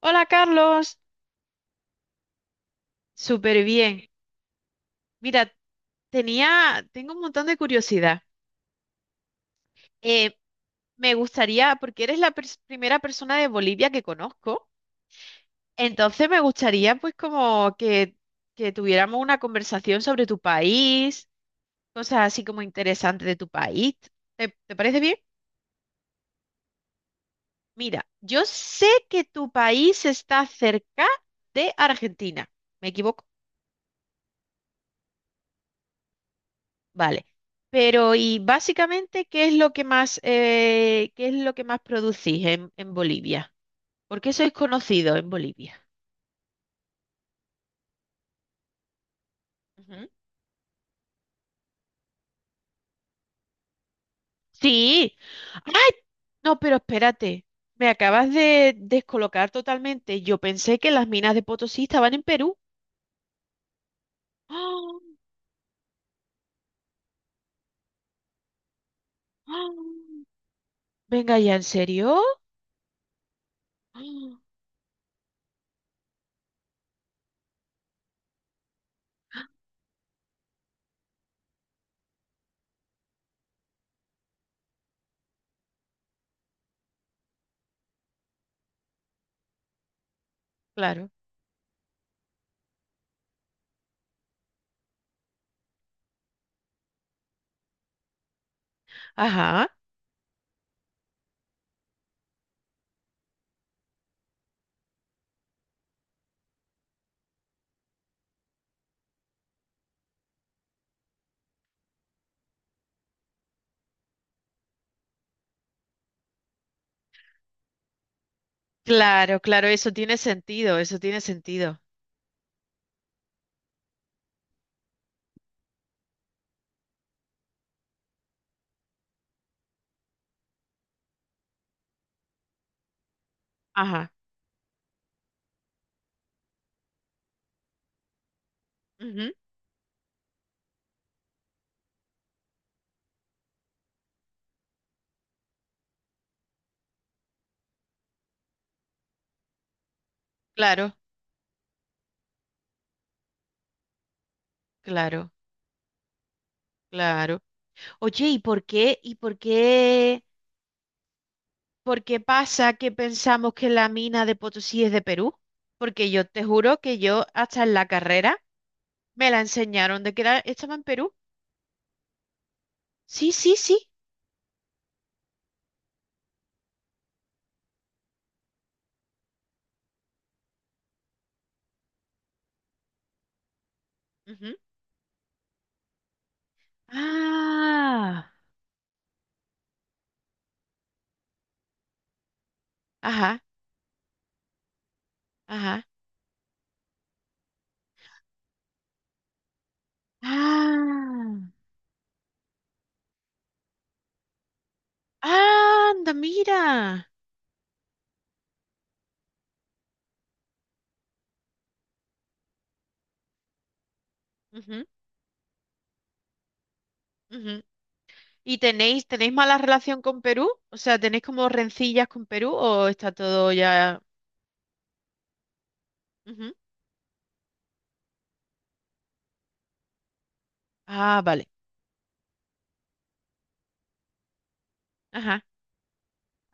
Hola Carlos, súper bien. Mira, tengo un montón de curiosidad. Eh, Me gustaría, porque eres la primera persona de Bolivia que conozco, entonces me gustaría pues como que tuviéramos una conversación sobre tu país, cosas así como interesantes de tu país. ¿Te parece bien? Mira, yo sé que tu país está cerca de Argentina. ¿Me equivoco? Vale. Pero, y básicamente, ¿qué es lo que más, qué es lo que más producís en Bolivia? ¿Por qué sois conocidos en Bolivia? Ujú. Sí. ¡Ay! No, pero espérate. Me acabas de descolocar totalmente. Yo pensé que las minas de Potosí estaban en Perú. ¡Ah! ¡Ah! Venga ya, ¿en serio? ¡Ah! Claro. Ajá. Claro, claro, eso tiene sentido, eso tiene sentido. Ajá, ujú, claro, claro, claro. Oye, ¿y por qué? ¿Y por qué? ¿Por qué pasa que pensamos que la mina de Potosí es de Perú? Porque yo te juro que yo hasta en la carrera me la enseñaron de que estaba en Perú. Sí, sí, sí. Ujú. Ah, ajá, ajá. Ah, ah, anda, mira. Ujú, ujú. ¿Y tenéis, tenéis mala relación con Perú? O sea, ¿tenéis como rencillas con Perú o está todo ya? Ujú. Ah, vale. Ajá.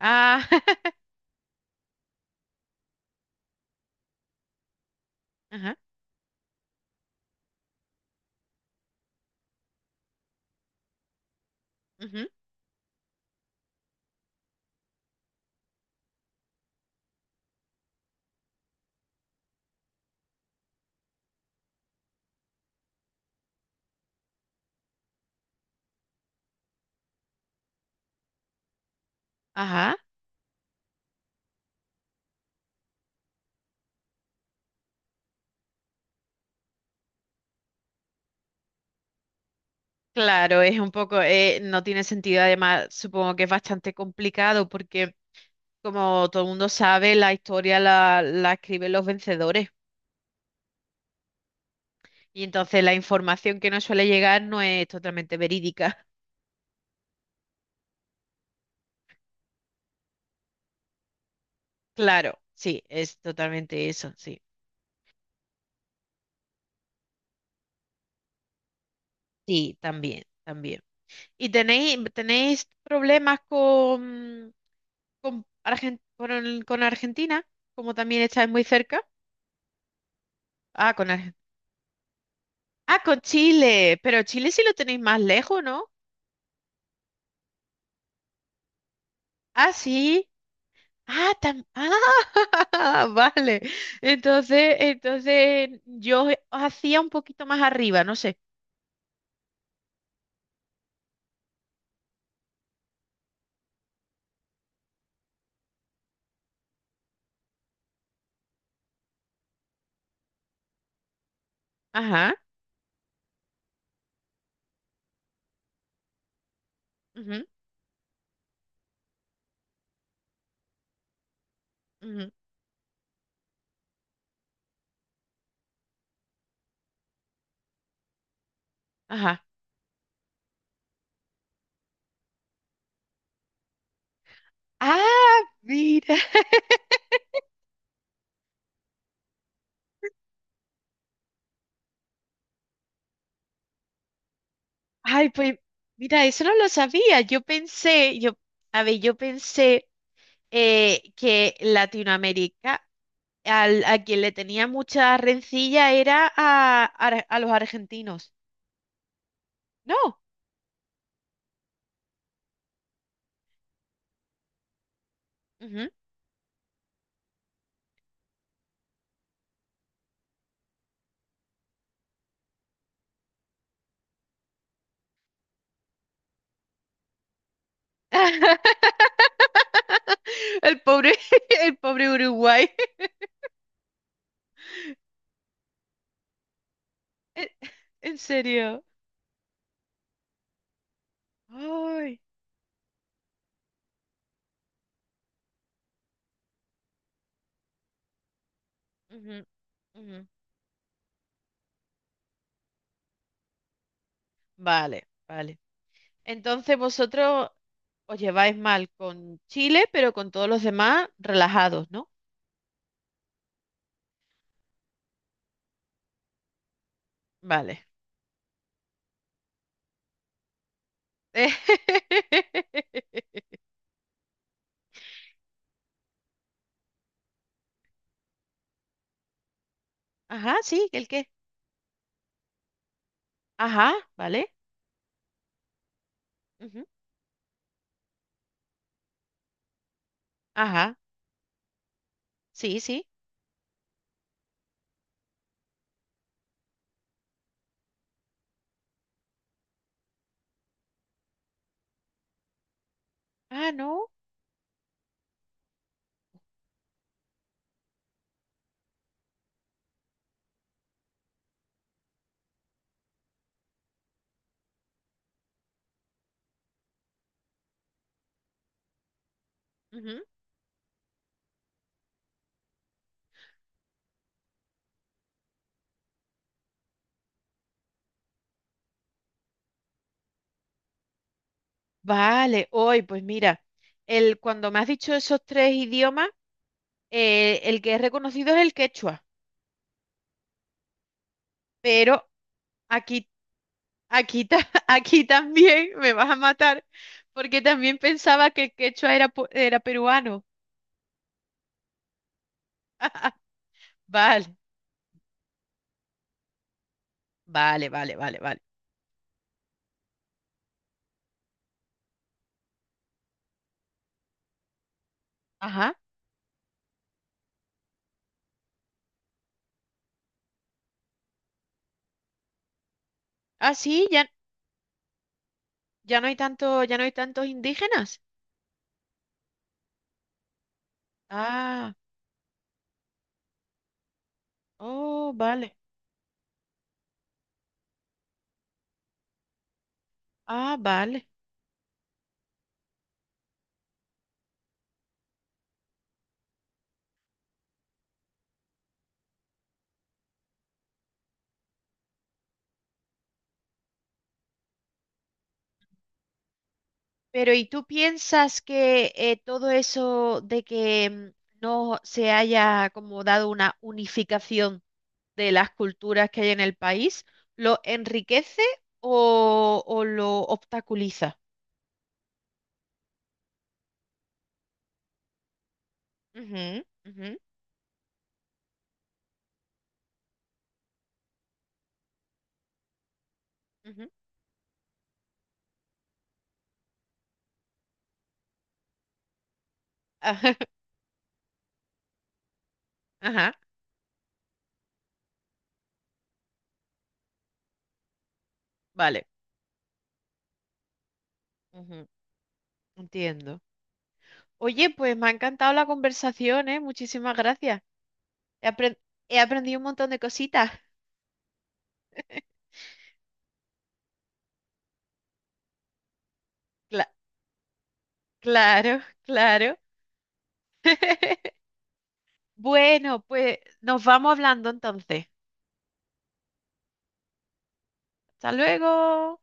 Ah, ajá. Ujú, ajá, claro, es un poco, no tiene sentido, además supongo que es bastante complicado porque como todo el mundo sabe, la historia la escriben los vencedores y entonces la información que nos suele llegar no es totalmente verídica. Claro, sí, es totalmente eso, sí. Sí, también, también. ¿Y tenéis, tenéis problemas con, con Argentina? Como también estáis muy cerca. Ah, con Argentina. Ah, con Chile, pero Chile sí lo tenéis más lejos, ¿no? Ah, sí. Ah, vale. Entonces, entonces yo hacía un poquito más arriba, no sé. Ajá, ujú, ujú, ajá. Ah, mira. Ay, pues mira, eso no lo sabía. Yo pensé, yo, a ver, yo pensé que Latinoamérica, a quien le tenía mucha rencilla era a, a los argentinos. No. El pobre, el pobre Uruguay. En en serio. Ay. Ujú, ujú. Vale, vale. Entonces vosotros os lleváis mal con Chile, pero con todos los demás relajados, ¿no? Vale. Ajá, sí, ¿el qué? Ajá, vale, ujú, ajá, sí, sí. Ah, no. Ujú. Vale, hoy, pues mira, el, cuando me has dicho esos tres idiomas, el que es reconocido es el quechua, pero aquí, aquí, aquí también me vas a matar, porque también pensaba que el quechua era, era peruano. Vale, vale, vale, vale, vale. Ajá. Ah, sí, ya, ya no hay tanto, ya no hay tantos indígenas. Ah, oh, vale. Ah, vale. Pero ¿y tú piensas que todo eso de que no se haya como dado una unificación de las culturas que hay en el país, lo enriquece o lo obstaculiza? Ujú, ujú, ujú. Ajá, ajá, vale, ujú, entiendo. Oye, pues me ha encantado la conversación, ¿eh? Muchísimas gracias. He apren- he aprendido un montón de cositas. Cla- claro, claro. Bueno, pues nos vamos hablando entonces. Hasta luego.